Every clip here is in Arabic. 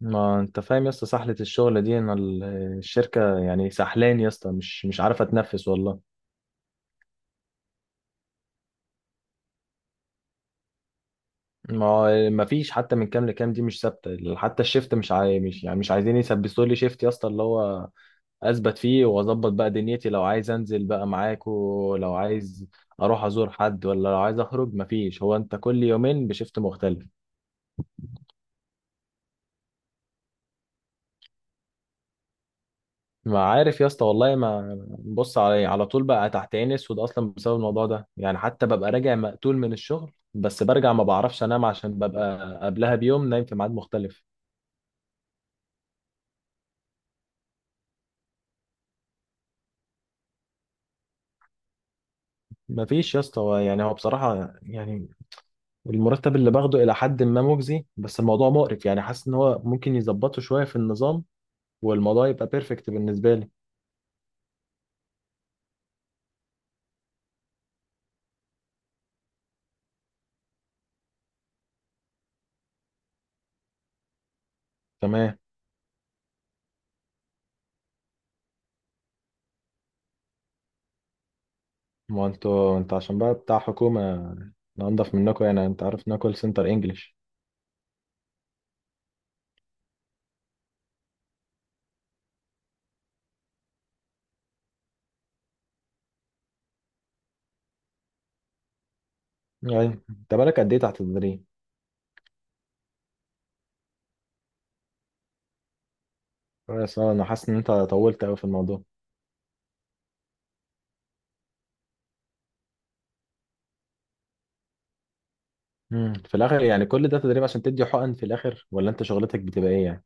ما انت فاهم يا اسطى، سحلة الشغل دي ان الشركة، يعني سحلان يا اسطى، مش عارفة تنفس والله. ما فيش حتى من كام لكام، دي مش ثابتة، حتى الشيفت مش، يعني مش عايزين يثبتوا لي شيفت يا اسطى اللي هو اثبت فيه واظبط بقى دنيتي، لو عايز انزل بقى معاك ولو عايز اروح ازور حد، ولا لو عايز اخرج ما فيش. هو انت كل يومين بشيفت مختلف؟ ما عارف يا اسطى والله، ما بص علي إيه، على طول بقى تحت عيني اسود اصلا بسبب الموضوع ده، يعني حتى ببقى راجع مقتول من الشغل بس برجع ما بعرفش انام عشان ببقى قبلها بيوم نايم في ميعاد مختلف. ما فيش يا اسطى. يعني هو بصراحة، يعني المرتب اللي باخده الى حد ما مجزي، بس الموضوع مقرف، يعني حاسس ان هو ممكن يظبطه شوية في النظام والموضوع يبقى بيرفكت بالنسبة لي. تمام. ما هو انتوا، انت عشان بقى بتاع حكومة انضف منكم، يعني انت عارف انها كول سنتر انجلش. يعني انت بالك قد ايه تحت التدريب؟ بس انا حاسس ان انت طولت قوي في الموضوع. امم، في الاخر يعني كل ده تدريب عشان تدي حقن في الاخر؟ ولا انت شغلتك بتبقى ايه يعني؟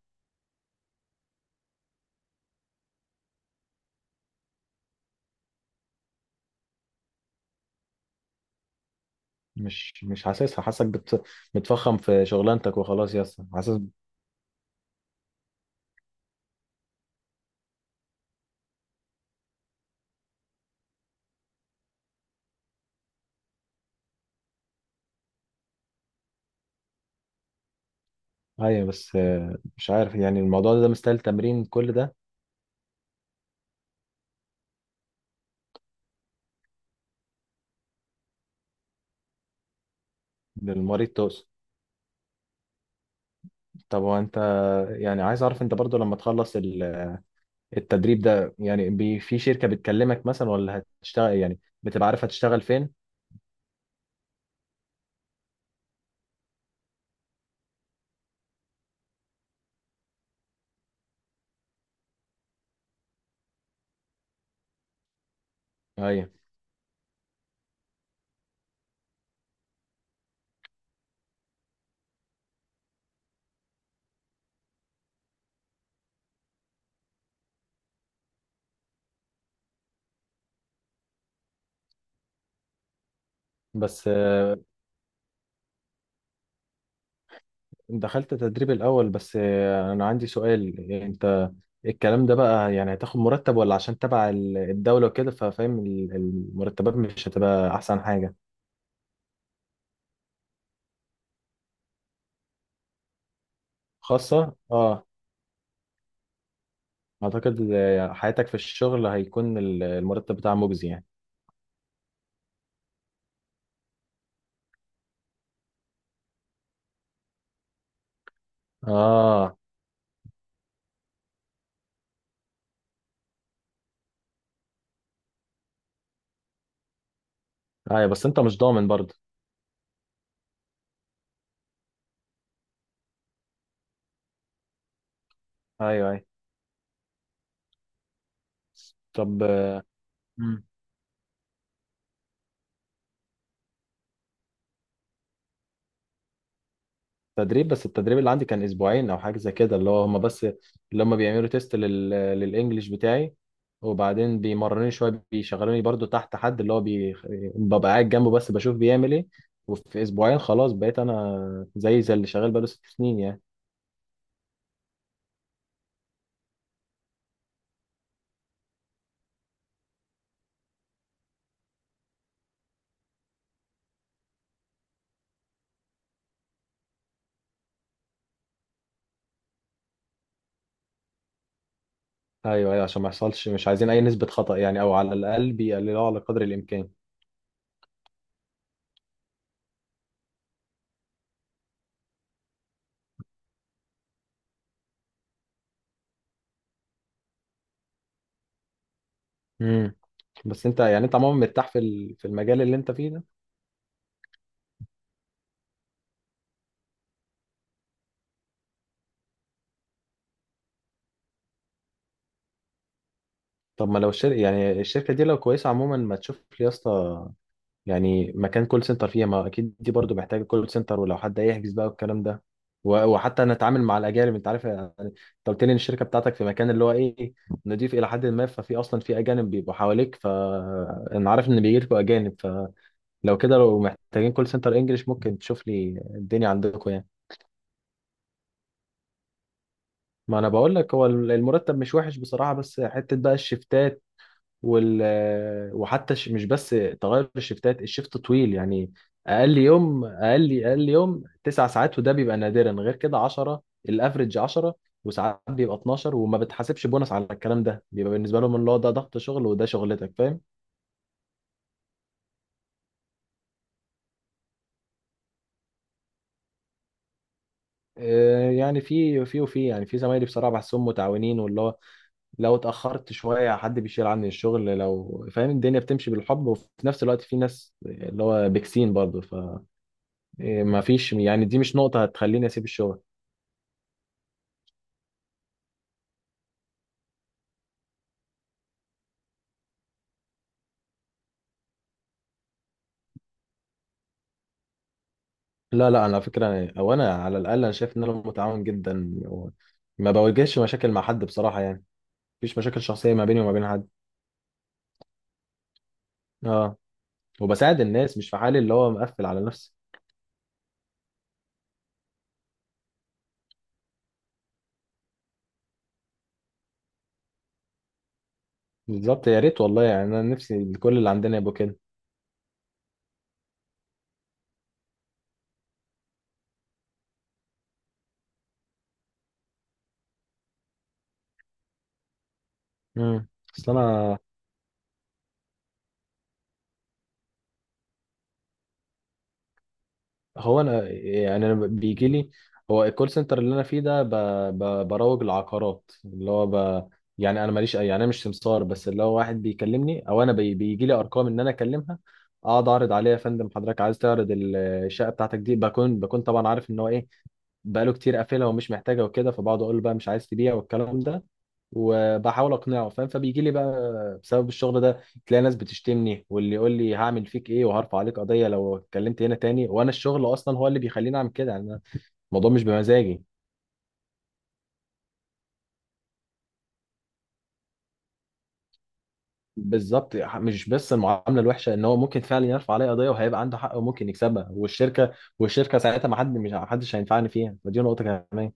مش حاسسها، حاسسك بتفخم في شغلانتك وخلاص يا اسطى، حاسس. ايوه بس آه، مش عارف يعني الموضوع ده مستاهل تمرين كل ده؟ للمريض تقصد؟ طب هو انت، يعني عايز اعرف انت برضو لما تخلص التدريب ده، يعني في شركة بتكلمك مثلا؟ ولا هتشتغل، يعني بتبقى عارف هتشتغل فين؟ ايوه بس دخلت تدريب الأول. بس آه، أنا عندي سؤال، يعني أنت الكلام ده بقى يعني هتاخد مرتب؟ ولا عشان تبع الدولة وكده، ففاهم المرتبات مش هتبقى أحسن حاجة؟ خاصة، اه. أعتقد آه، حياتك في الشغل هيكون المرتب بتاعها مجزي يعني. اه، أيوة، بس أنت مش ضامن برضه. أيوة أيوة. طب تدريب. بس التدريب اللي عندي كان اسبوعين او حاجه زي كده، اللي هو هم بس اللي هم بيعملوا تيست للانجليش بتاعي، وبعدين بيمرنوني شويه، بيشغلوني برضو تحت حد اللي هو ببقى قاعد جنبه بس بشوف بيعمل ايه، وفي اسبوعين خلاص بقيت انا زي اللي شغال بقاله 6 سنين يعني. ايوه ايوه، عشان ما يحصلش، مش عايزين اي نسبه خطا يعني، او على الاقل بيقللوها على قدر الامكان. امم. بس انت يعني انت عموما مرتاح في في المجال اللي انت فيه ده؟ طب ما لو الشركه يعني الشركه دي لو كويسه عموما، ما تشوف لي يا اسطى يعني مكان كول سنتر فيها. ما اكيد دي برضو محتاجه كول سنتر، ولو حد يحجز بقى والكلام ده، وحتى انا اتعامل مع الاجانب. انت عارف، يعني انت قلت لي ان الشركه بتاعتك في مكان اللي هو ايه، نضيف الى حد ما، ففي اصلا في اجانب بيبقوا حواليك، فانا عارف ان بيجي لكم اجانب، فلو كده لو محتاجين كول سنتر انجلش ممكن تشوف لي الدنيا عندكم يعني. ما انا بقول لك هو المرتب مش وحش بصراحه، بس حته بقى الشفتات وال، وحتى مش بس تغير الشفتات، الشفت طويل يعني. اقل يوم، اقل يوم 9 ساعات، وده بيبقى نادرا، غير كده 10. الافرج 10، وساعات بيبقى 12، وما بتحاسبش بونص على الكلام ده، بيبقى بالنسبه لهم اللي هو ده ضغط شغل وده شغلتك، فاهم. آه، يعني في في وفي يعني في زمايلي بصراحه بحسهم متعاونين، واللي هو لو اتاخرت شويه حد بيشيل عني الشغل لو فاهم، الدنيا بتمشي بالحب، وفي نفس الوقت في ناس اللي هو بيكسين برضه. إيه، ما فيش يعني، دي مش نقطة هتخليني أسيب الشغل. لا لا، أنا على فكرة، أو أنا على الأقل أنا شايف إن أنا متعاون جدا ما بواجهش مشاكل مع حد بصراحة يعني. مفيش مشاكل شخصية ما بيني وما بين حد. أه. وبساعد الناس، مش في حالي اللي هو مقفل على نفسي. بالظبط يا ريت والله، يعني أنا نفسي كل اللي عندنا يبقوا كده. امم. أصل أنا، هو انا يعني انا بيجي لي، هو الكول سنتر اللي انا فيه ده بروج العقارات اللي هو يعني انا ماليش يعني انا مش سمسار، بس اللي هو واحد بيكلمني او انا بيجي لي ارقام ان انا اكلمها، اقعد اعرض عليها يا فندم حضرتك عايز تعرض الشقه بتاعتك دي؟ بكون طبعا عارف ان هو ايه بقاله كتير قافلها ومش محتاجها وكده، فبقعد اقول له بقى مش عايز تبيع والكلام ده وبحاول اقنعه فاهم. فبيجي لي بقى بسبب الشغل ده تلاقي ناس بتشتمني واللي يقول لي هعمل فيك ايه وهرفع عليك قضيه لو اتكلمت هنا تاني، وانا الشغل اصلا هو اللي بيخليني اعمل كده يعني، أنا الموضوع مش بمزاجي. بالظبط، مش بس المعامله الوحشه، ان هو ممكن فعلا يرفع عليا قضيه وهيبقى عنده حق وممكن يكسبها، والشركه ساعتها ما حد، مش حدش هينفعني فيها، فدي نقطه كمان.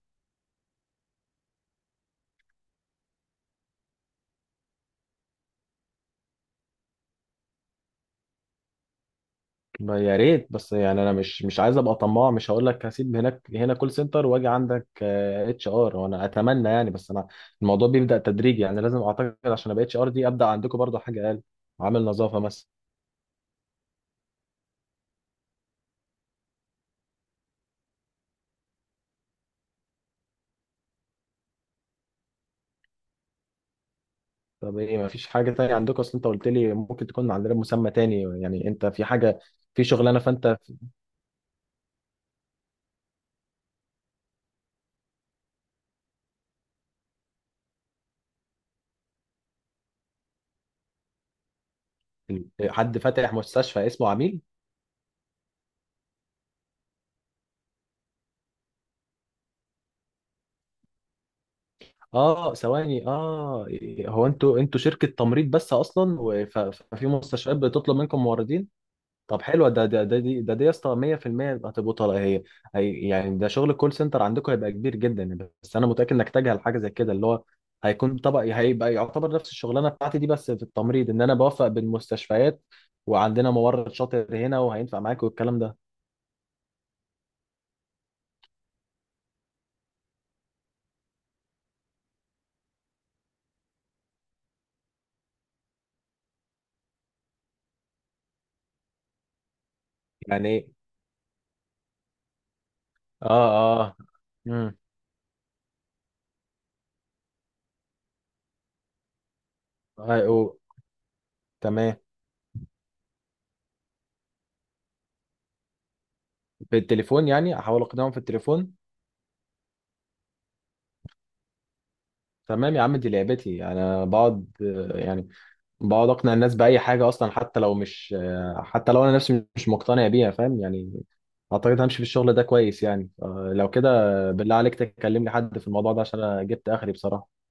ما يا ريت، بس يعني انا مش عايز ابقى طماع، مش هقول لك هسيب هناك هنا كول سنتر واجي عندك اتش ار، وانا اتمنى يعني، بس انا الموضوع بيبدا تدريجي يعني، لازم اعتقد عشان ابقى اتش ار دي ابدا عندكم برضه حاجه اقل، عامل نظافه مثلا. طب ايه، ما فيش حاجه تانية عندكم؟ اصل انت قلت لي ممكن تكون عندنا مسمى تاني يعني، انت في حاجه في شغلانه فانت، في- حد فاتح مستشفى اسمه عميل؟ اه ثواني، اه، هو انتوا شركه تمريض بس اصلا، ففي مستشفيات بتطلب منكم موردين؟ طب حلوه. ده ده ده دي ده دي يا اسطى 100% هتبقى طالعه. يعني ده شغل الكول سنتر عندكم هيبقى كبير جدا، بس انا متاكد انك تجهل حاجه زي كده، اللي هو هيكون طبق، هيبقى يعتبر نفس الشغلانه بتاعتي دي بس في التمريض، ان انا بوفق بين مستشفيات وعندنا ممرض شاطر هنا وهينفع معاك والكلام ده. يعني ايه؟ اه. اه. امم. أيوه. تمام. بالتليفون يعني، احاول اقنعهم في التليفون؟ تمام يا عم، دي لعبتي انا. بقعد آه، يعني بقعد اقنع الناس باي حاجه اصلا، حتى لو مش، حتى لو انا نفسي مش مقتنع بيها فاهم يعني. اعتقد همشي في الشغل ده كويس يعني آه، لو كده. بالله عليك تكلمني حد في الموضوع ده، عشان انا جبت اخري بصراحه.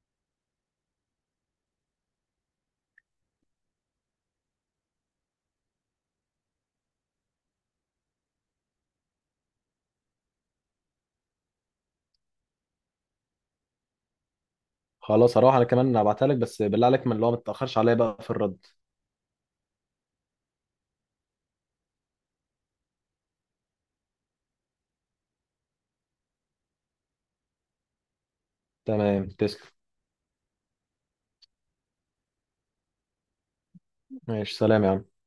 خلاص هروح انا كمان هبعتها لك، بس بالله عليك من اللي هو ما تتاخرش عليا بقى في الرد. تمام، تسلم. ماشي، سلام يا عم.